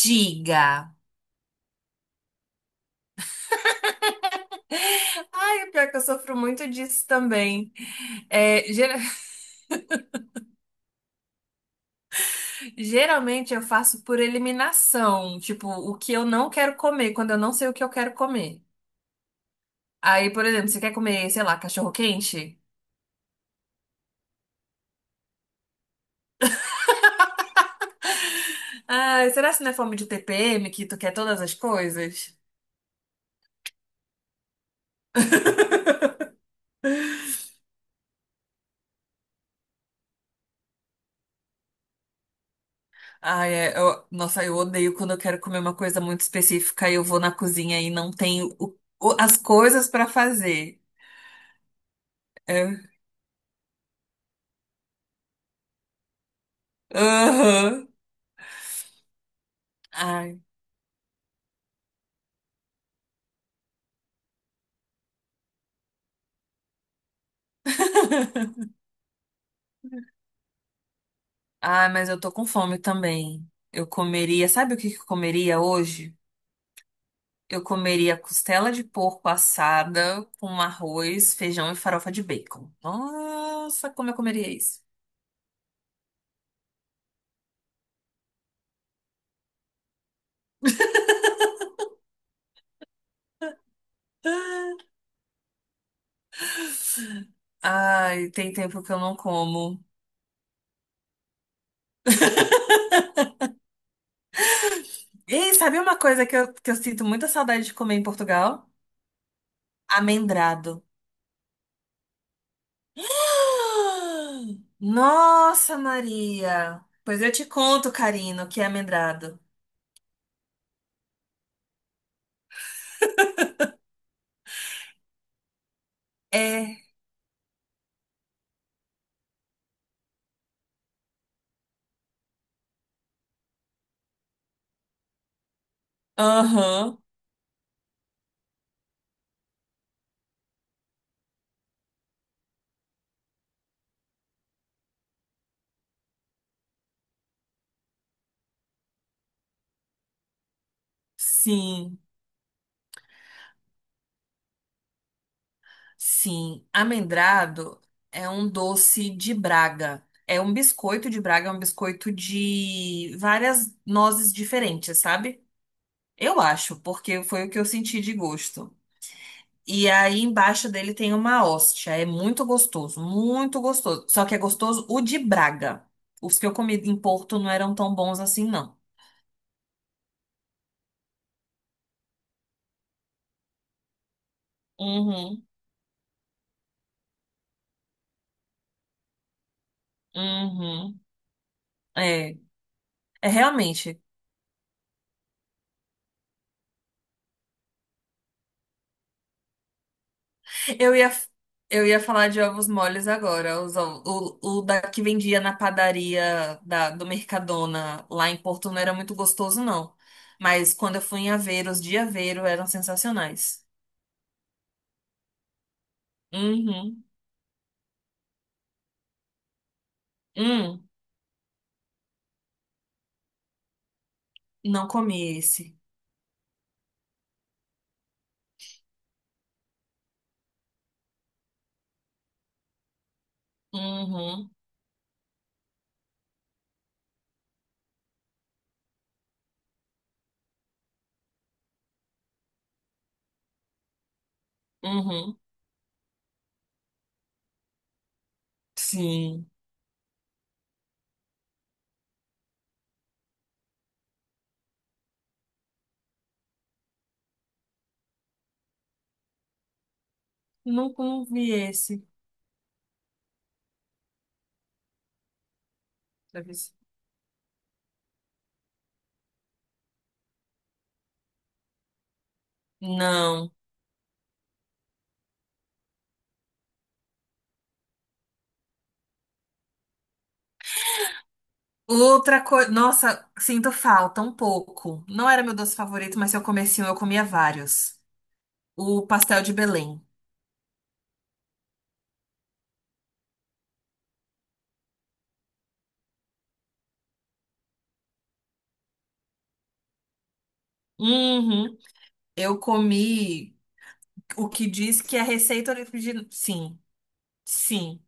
Diga. Ai, o pior que eu sofro muito disso também. É, gera- Geralmente eu faço por eliminação, tipo, o que eu não quero comer, quando eu não sei o que eu quero comer. Aí, por exemplo, você quer comer, sei lá, cachorro quente? Ai, será que não é fome de TPM que tu quer todas as coisas? Ai, nossa, eu odeio quando eu quero comer uma coisa muito específica e eu vou na cozinha e não tenho as coisas pra fazer. É. Aham. Ai. Ah, mas eu tô com fome também. Eu comeria, sabe o que que eu comeria hoje? Eu comeria costela de porco assada com arroz, feijão e farofa de bacon. Nossa, como eu comeria isso? Ai, tem tempo que eu não como. E sabe uma coisa que eu sinto muita saudade de comer em Portugal? Amendrado. Ah! Nossa, Maria! Pois eu te conto, Carino, o que é amendrado. É, aham, sim. Sim, amendrado é um doce de Braga. É um biscoito de Braga, é um biscoito de várias nozes diferentes, sabe? Eu acho, porque foi o que eu senti de gosto. E aí embaixo dele tem uma hóstia. É muito gostoso, muito gostoso. Só que é gostoso o de Braga. Os que eu comi em Porto não eram tão bons assim, não. Uhum, uhum. É, é realmente. Eu ia, eu ia falar de ovos moles agora. O da que vendia na padaria do Mercadona lá em Porto não era muito gostoso, não. Mas quando eu fui em Aveiro, os de Aveiro eram sensacionais. Uhum. Hum, não comi esse. Uhum. Uhum. Sim. Nunca não vi esse. Deve ser. Não. Outra coisa. Nossa, sinto falta um pouco. Não era meu doce favorito, mas se eu comesse um, eu comia vários. O pastel de Belém. Uhum. Eu comi o que diz que é receita original. Sim, sim,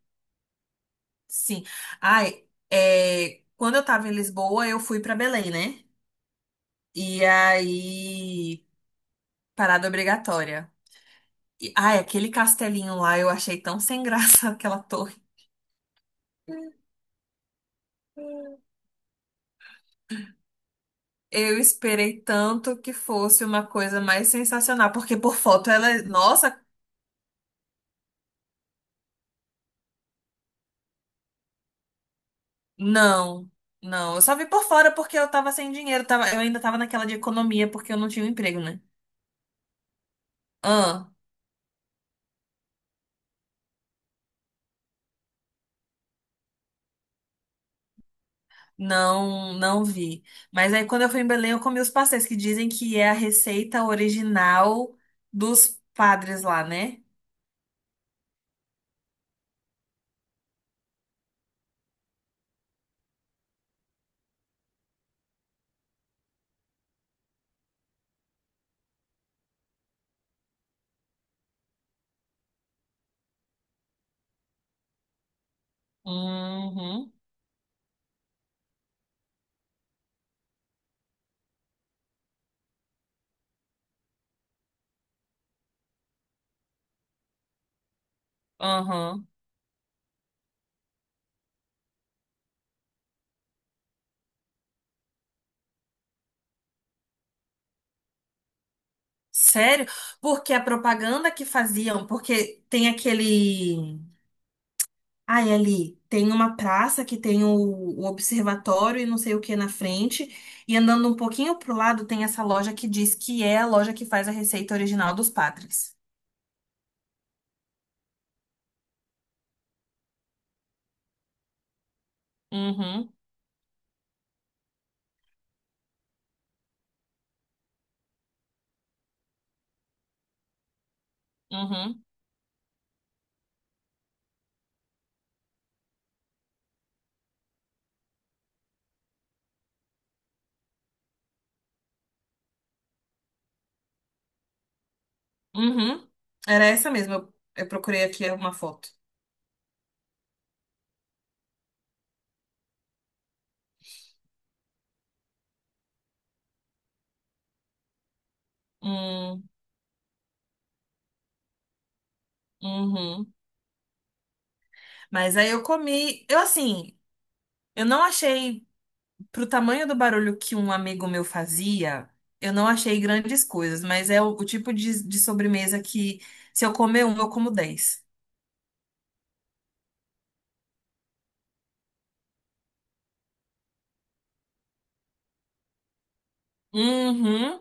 sim. Ai, é, quando eu tava em Lisboa, eu fui pra Belém, né? E aí, parada obrigatória. E, ai, aquele castelinho lá eu achei tão sem graça aquela torre. Eu esperei tanto que fosse uma coisa mais sensacional, porque por foto ela, nossa, não, não. Eu só vi por fora porque eu tava sem dinheiro, tava, eu ainda tava naquela de economia porque eu não tinha um emprego, né? Ah, não, não vi. Mas aí quando eu fui em Belém, eu comi os pastéis que dizem que é a receita original dos padres lá, né? Uhum, uhum. Sério? Porque a propaganda que faziam, porque tem aquele. Ai, ali, tem uma praça que tem o observatório e não sei o que na frente. E andando um pouquinho pro lado, tem essa loja que diz que é a loja que faz a receita original dos padres. Uhum, uhum. Uhum. Era essa mesmo. Eu procurei aqui uma foto. Hum, uhum. Mas aí eu comi. Eu assim, eu não achei, pro tamanho do barulho que um amigo meu fazia, eu não achei grandes coisas, mas é o tipo de sobremesa que se eu comer um, eu como dez. Uhum,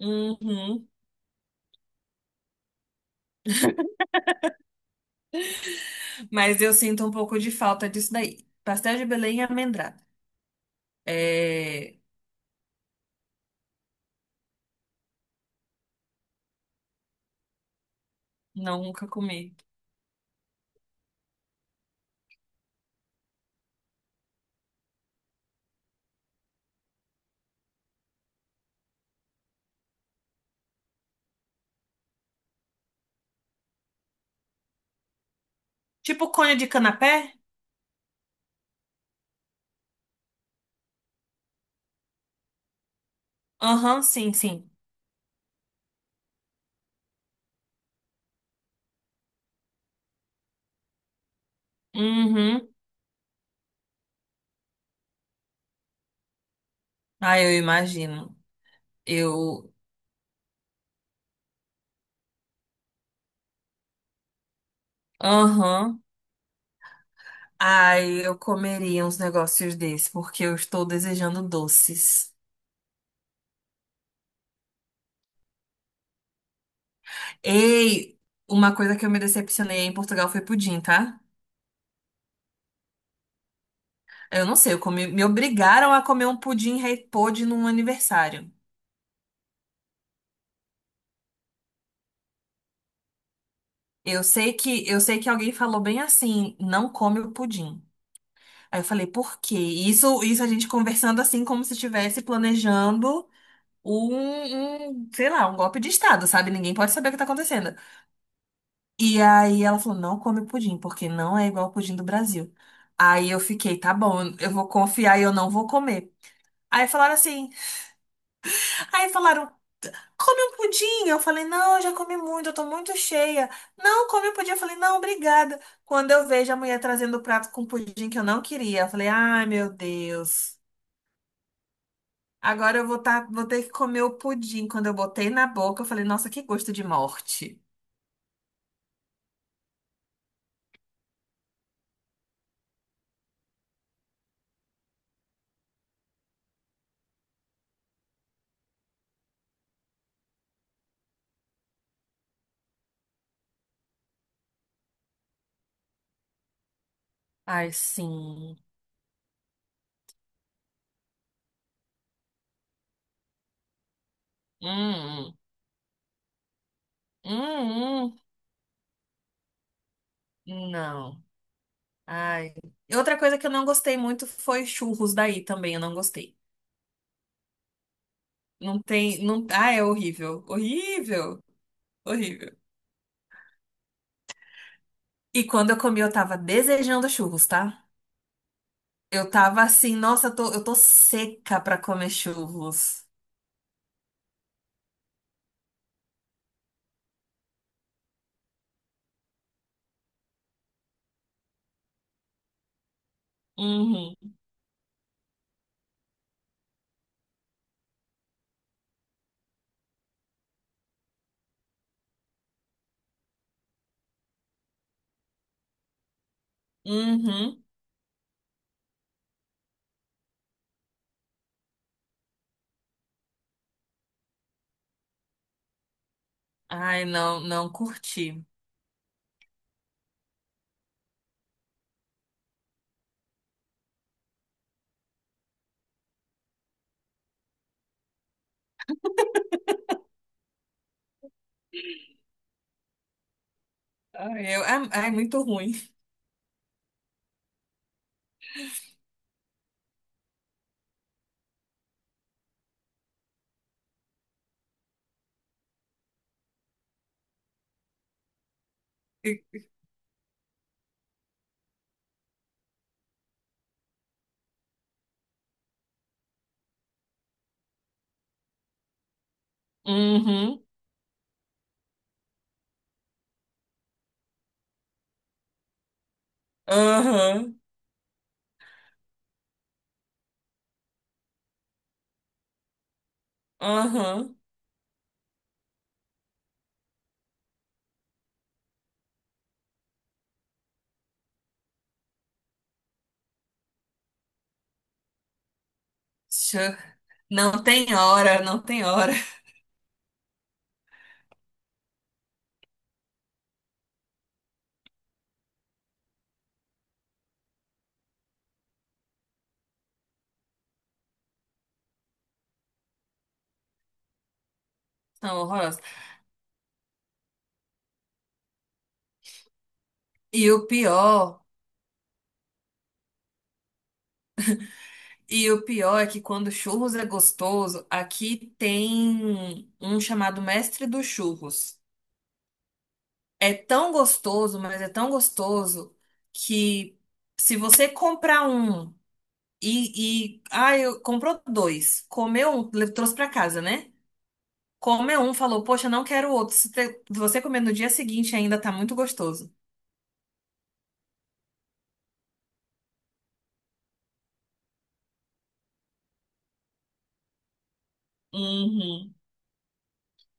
uhum. Mas eu sinto um pouco de falta disso daí. Pastel de Belém e amendrada. É, não, nunca comi. Tipo cone de canapé? Aham, sim, sim. Uhum. Ah, eu imagino. Eu. Aham. Ai, eu comeria uns negócios desses, porque eu estou desejando doces. Ei, uma coisa que eu me decepcionei em Portugal foi pudim, tá? Eu não sei, eu comi, me obrigaram a comer um pudim rei pôde num aniversário. Eu sei que alguém falou bem assim, não come o pudim. Aí eu falei, por quê? E isso, isso, a gente conversando assim como se estivesse planejando um, sei lá, um golpe de estado, sabe? Ninguém pode saber o que tá acontecendo. E aí ela falou, não come pudim, porque não é igual o pudim do Brasil. Aí eu fiquei, tá bom, eu vou confiar e eu não vou comer. Aí falaram assim, aí falaram, come um pudim. Eu falei, não, eu já comi muito, eu tô muito cheia. Não, come um pudim. Eu falei, não, obrigada. Quando eu vejo a mulher trazendo o prato com pudim que eu não queria, eu falei, ai, meu Deus. Agora eu vou, tá, vou ter que comer o pudim. Quando eu botei na boca, eu falei, nossa, que gosto de morte. Ai, sim. Hum, hum, hum. Hum. Não. Ai. E outra coisa que eu não gostei muito foi churros daí também, eu não gostei. Não tem, não, ah, é horrível, horrível, horrível. E quando eu comi, eu tava desejando churros, tá? Eu tava assim, nossa, eu tô seca pra comer churros. Uhum, uhum. Ai, não, não curti. Ai, eu, é, é muito ruim. Uhum, aham, aham. Chu- Não tem hora, não tem hora. São horrorosos. E o pior E o pior é que quando churros é gostoso, aqui tem um chamado Mestre dos Churros. É tão gostoso, mas é tão gostoso que se você comprar um e, ah, eu comprou dois, comeu um, trouxe pra casa, né? Comeu um, falou, poxa, não quero outro. Se te- você comer no dia seguinte ainda tá muito gostoso. Uhum,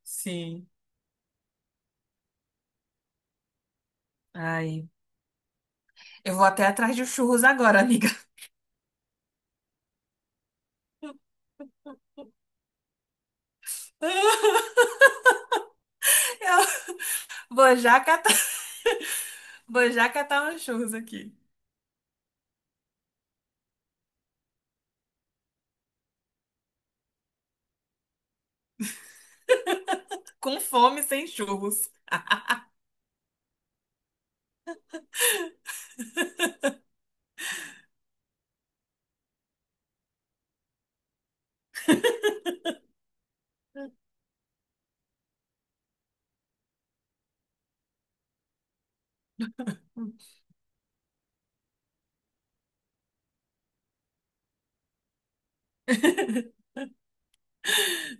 sim. Ai, eu vou até atrás de churros agora, amiga. Eu vou já catar. Vou já catar uns churros aqui. Com fome, sem churros.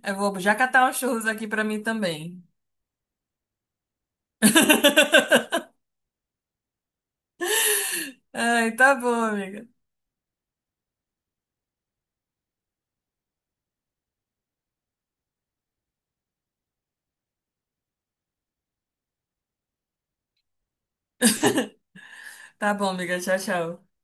Eu vou já catar uns churros aqui pra mim também. Ai, tá bom, amiga. Tá bom, amiga. Tchau, tchau.